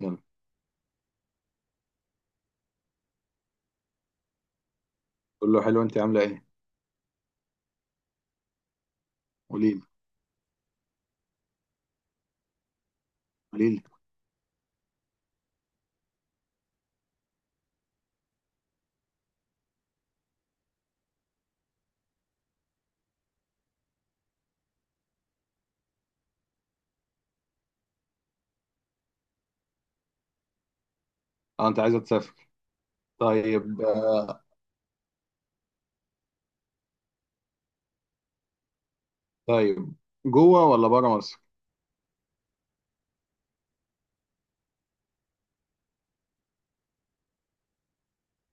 يلا. قول له حلو، انت عامله ايه؟ قولي لي. قولي لي اه انت عايزه تسافر؟ طيب طيب، جوه ولا بره مصر؟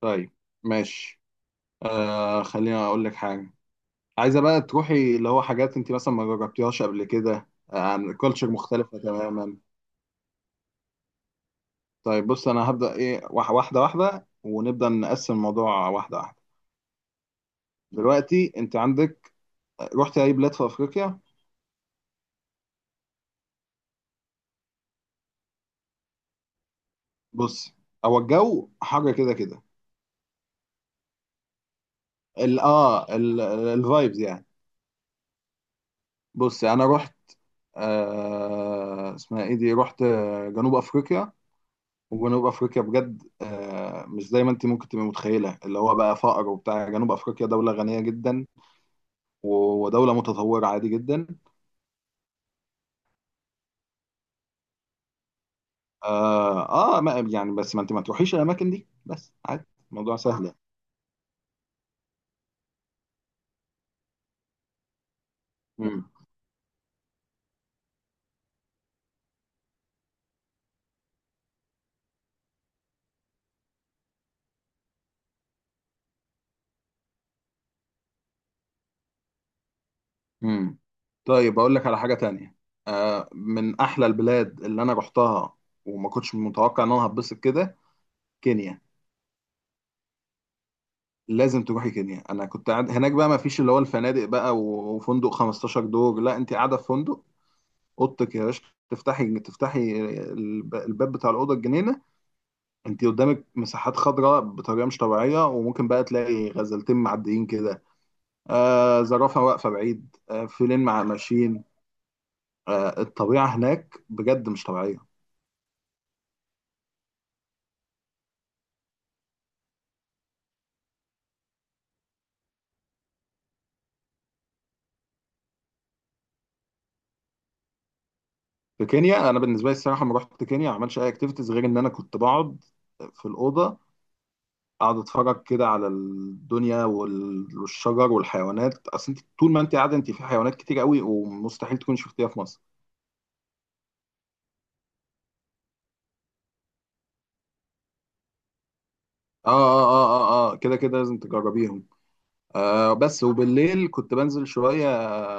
طيب ماشي. آه خليني اقول لك حاجه. عايزه بقى تروحي اللي هو حاجات انت مثلا ما جربتيهاش قبل كده، عن كلتشر مختلفه تماما. طيب بص، انا هبدا ايه واحده واحده، ونبدا نقسم الموضوع واحده واحده. دلوقتي انت عندك، رحت اي بلاد في افريقيا؟ بص، هو الجو حر كده كده. ال اه الفايبز يعني. بص انا رحت، آه اسمها ايه دي، رحت جنوب افريقيا. وجنوب افريقيا بجد آه مش زي ما انت ممكن تبقى متخيله اللي هو بقى فقر وبتاع، جنوب افريقيا دوله غنيه جدا، ودوله متطوره عادي جدا. اه, آه ما يعني، بس ما انت ما تروحيش الاماكن دي بس، عادي. الموضوع سهل يعني. مم. مم. طيب اقول لك على حاجه تانية. آه من احلى البلاد اللي انا رحتها وما كنتش متوقع ان انا هتبسط كده، كينيا. لازم تروحي كينيا. انا كنت قاعد هناك بقى، ما فيش اللي هو الفنادق بقى وفندق 15 دور، لا انت قاعده في فندق، اوضتك يا باشا. تفتحي الباب بتاع الاوضه الجنينه، انت قدامك مساحات خضراء بطريقه مش طبيعيه، وممكن بقى تلاقي غزلتين معديين كده، آه زرافه واقفه بعيد، آه فيلين مع ماشيين. آه الطبيعه هناك بجد مش طبيعيه. في كينيا انا بالنسبه لي الصراحه ما رحت كينيا ما عملتش اي اكتيفيتيز، غير ان انا كنت بقعد في الاوضه، اقعد اتفرج كده على الدنيا والشجر والحيوانات. اصل انت طول ما انت قاعده، انت في حيوانات كتير قوي ومستحيل تكون شفتيها في مصر. اه اه اه اه اه، كده كده لازم تجربيهم. آه بس وبالليل كنت بنزل شويه،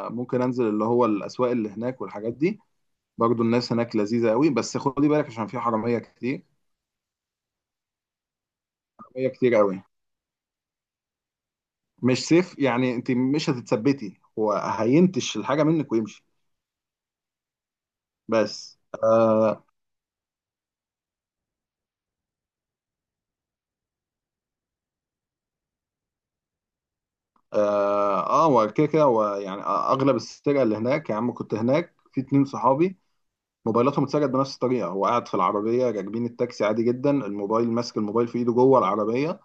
ممكن انزل اللي هو الاسواق اللي هناك والحاجات دي. برضو الناس هناك لذيذه قوي بس خدي بالك، عشان في حراميه كتير. حراميه كتير قوي، مش سيف يعني. انت مش هتتثبتي، هو هينتش الحاجه منك ويمشي. بس آه، اه هو كده كده. هو يعني اغلب السرقه اللي هناك، يا عم كنت هناك في اتنين صحابي موبايلاتهم اتسرقت بنفس الطريقه، هو قاعد في العربيه راكبين التاكسي عادي جدا، الموبايل ماسك الموبايل في ايده جوه العربيه،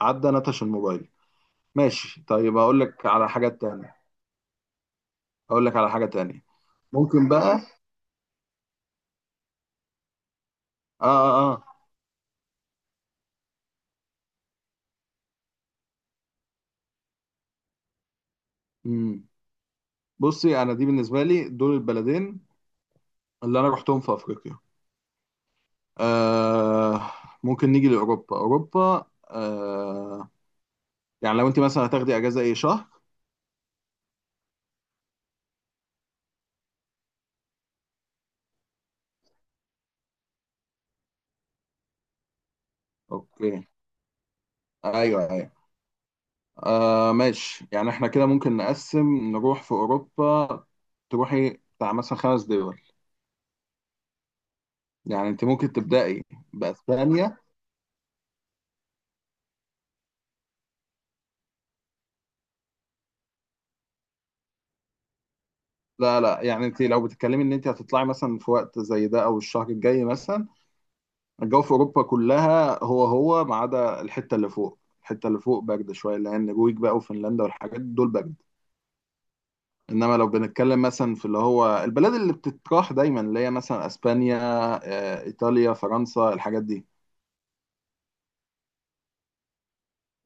عدى نتش الموبايل. ماشي، طيب اقول لك على حاجه تانية. اقول لك على حاجه تانية ممكن بقى اه اه اه. مم. بصي، انا دي بالنسبه لي دول البلدين اللي انا رحتهم في افريقيا. آه ممكن نيجي لاوروبا، اوروبا آه، يعني لو انت مثلا هتاخدي اجازه اي شهر. اوكي. ايوه ايوه. آه ماشي، يعني احنا كده ممكن نقسم نروح في اوروبا، تروحي بتاع مثلا خمس دول. يعني انت ممكن تبدأي باسبانيا. لا لا، يعني انت لو بتتكلمي ان انت هتطلعي مثلا في وقت زي ده او الشهر الجاي مثلا، الجو في اوروبا كلها هو هو، ما عدا الحته اللي فوق. الحته اللي فوق برد شويه لان النرويج بقى وفنلندا والحاجات دول برد. انما لو بنتكلم مثلا في اللي هو البلاد اللي بتتراح دايما، اللي هي مثلا اسبانيا، ايطاليا، فرنسا، الحاجات دي.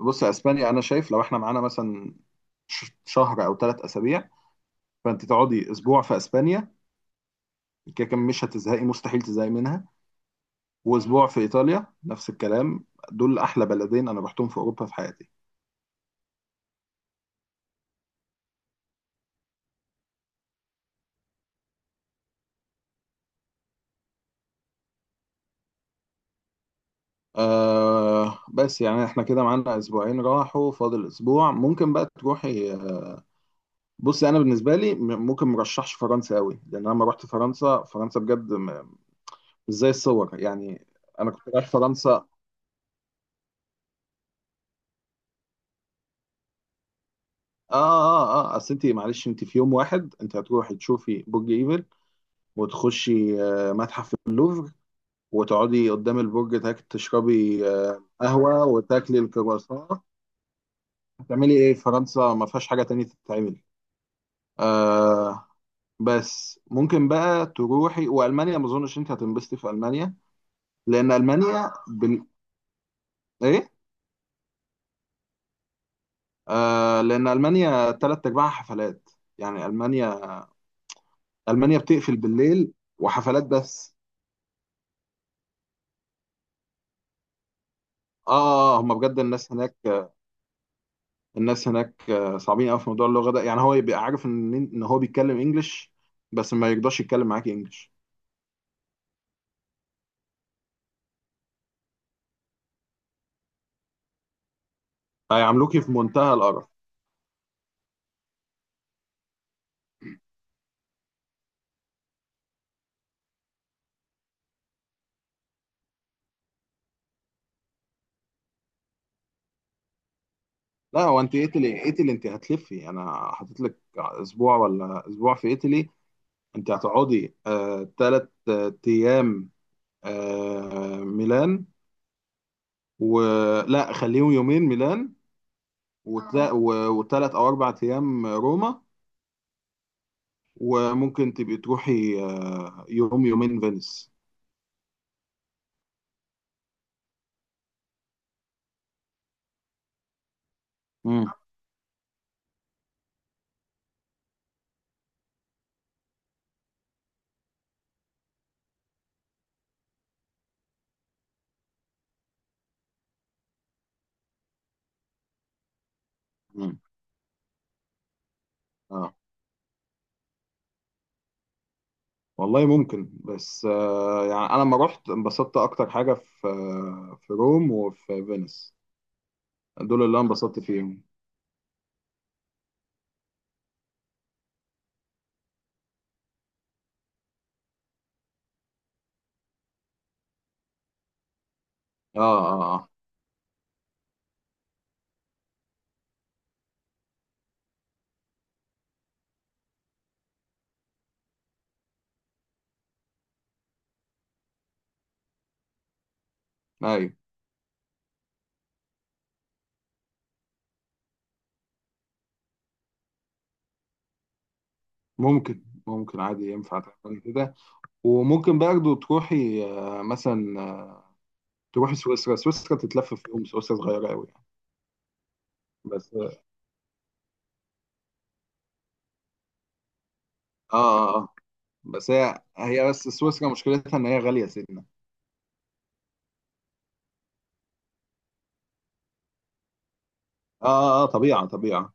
بص يا اسبانيا، انا شايف لو احنا معانا مثلا شهر او ثلاث اسابيع، فانت تقعدي اسبوع في اسبانيا، كده كده مش هتزهقي، مستحيل تزهقي منها. واسبوع في ايطاليا نفس الكلام. دول احلى بلدين انا رحتهم في اوروبا في حياتي. آه بس يعني احنا كده معانا اسبوعين راحوا، فاضل اسبوع ممكن بقى تروحي. بصي انا بالنسبه لي ممكن مرشحش فرنسا قوي، لان انا لما رحت فرنسا، فرنسا بجد مش زي الصور يعني. انا كنت رايح فرنسا. اه اه اه، اصل انت معلش، انت في يوم واحد انت هتروحي تشوفي برج ايفل، وتخشي متحف اللوفر، وتقعدي قدام البرج تاك تشربي قهوه وتاكلي الكرواسون. هتعملي ايه في فرنسا؟ ما فيهاش حاجه تانية تتعمل. آه بس ممكن بقى تروحي والمانيا، ما اظنش انت هتنبسطي في المانيا، لان المانيا بال... ايه، آه لان المانيا تلات ارباعها حفلات. يعني المانيا، المانيا بتقفل بالليل وحفلات بس. اه هم بجد الناس هناك، الناس هناك صعبين قوي في موضوع اللغه ده. يعني هو يبقى عارف ان هو بيتكلم انجلش، بس ما يقدرش يتكلم معاك انجلش. هيعاملوكي في منتهى القرف. لا هو انت ايطالي، ايطالي انت هتلفي، انا حاطط لك اسبوع ولا اسبوع في ايطالي. انت هتقعدي آه تلات ايام آه ميلان، ولا خليهم يومين ميلان، وتلا... و... وثلاث او اربع ايام روما. وممكن تبقي تروحي يوم يومين فينيس. امم امم اه والله ممكن، بس آه يعني انا لما رحت انبسطت اكتر حاجه في آه في روم وفي فينيس، دول اللي انا انبسطت فيهم. اه اه اه. ايوه ممكن، ممكن عادي ينفع تعمل كده. وممكن برضه تروحي آه مثلا تروحي سويسرا. سويسرا تتلف في يوم، سويسرا صغيره قوي يعني، بس اه اه آه. آه. بس هي بس سويسرا مشكلتها ان هي غاليه سنه. اه اه طبيعه طبيعه.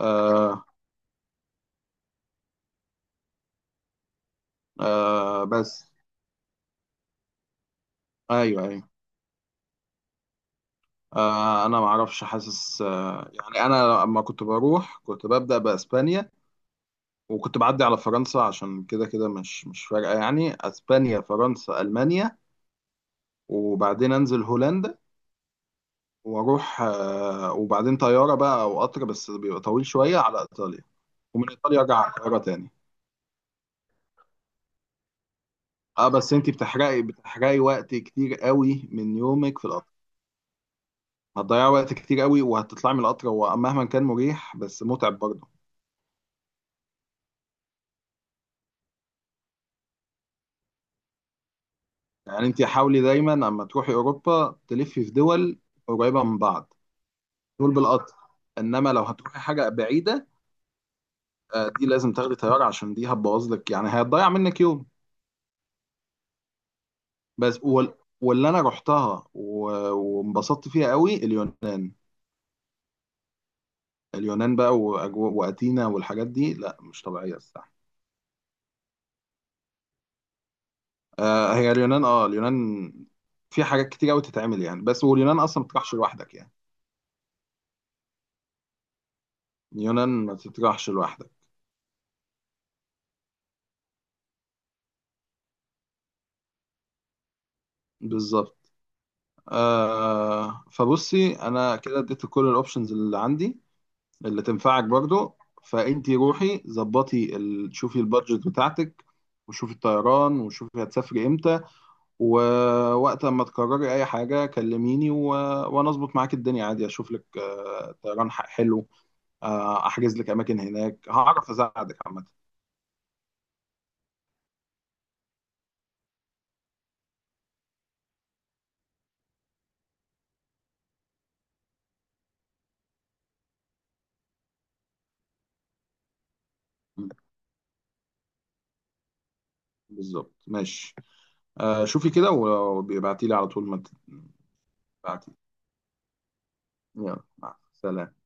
آه آه بس. ايوه ايوه. آه انا ما اعرفش، حاسس آه يعني انا لما كنت بروح كنت ببدأ باسبانيا، وكنت بعدي على فرنسا، عشان كده كده مش فارقة يعني، اسبانيا فرنسا المانيا، وبعدين انزل هولندا، واروح آه وبعدين طيارة بقى او قطر، بس بيبقى طويل شوية، على ايطاليا، ومن ايطاليا ارجع على القاهرة تاني. اه بس انتي بتحرقي وقت كتير قوي من يومك في القطر، هتضيعي وقت كتير قوي، وهتطلعي من القطر هو مهما كان مريح بس متعب برضه. يعني انت حاولي دايما اما تروحي اوروبا تلفي في دول قريبه من بعض، دول بالقطر. انما لو هتروحي حاجه بعيده، دي لازم تاخدي طياره، عشان دي هتبوظ لك يعني، هتضيع منك يوم. بس واللي انا رحتها وانبسطت فيها قوي، اليونان. اليونان بقى واتينا والحاجات دي، لا مش طبيعيه الصراحه. آه هي اليونان، اه اليونان في حاجات كتير قوي تتعمل يعني، بس واليونان اصلا ما تروحش لوحدك يعني. اليونان ما تروحش لوحدك. بالظبط. آه فبصي، انا كده اديت كل الاوبشنز اللي عندي، اللي تنفعك برضو. فانتي روحي ظبطي شوفي البادجت بتاعتك، وشوفي الطيران، وشوفي هتسافري امتى، ووقت ما تقرري اي حاجه كلميني، وانا اظبط معاك الدنيا عادي، اشوف لك آه طيران حلو، آه احجز لك اماكن هناك، هعرف اساعدك عامه. م. بالظبط ماشي. آه شوفي كده وبيبعتي لي على طول ما تبعتي. يلا مع السلامه.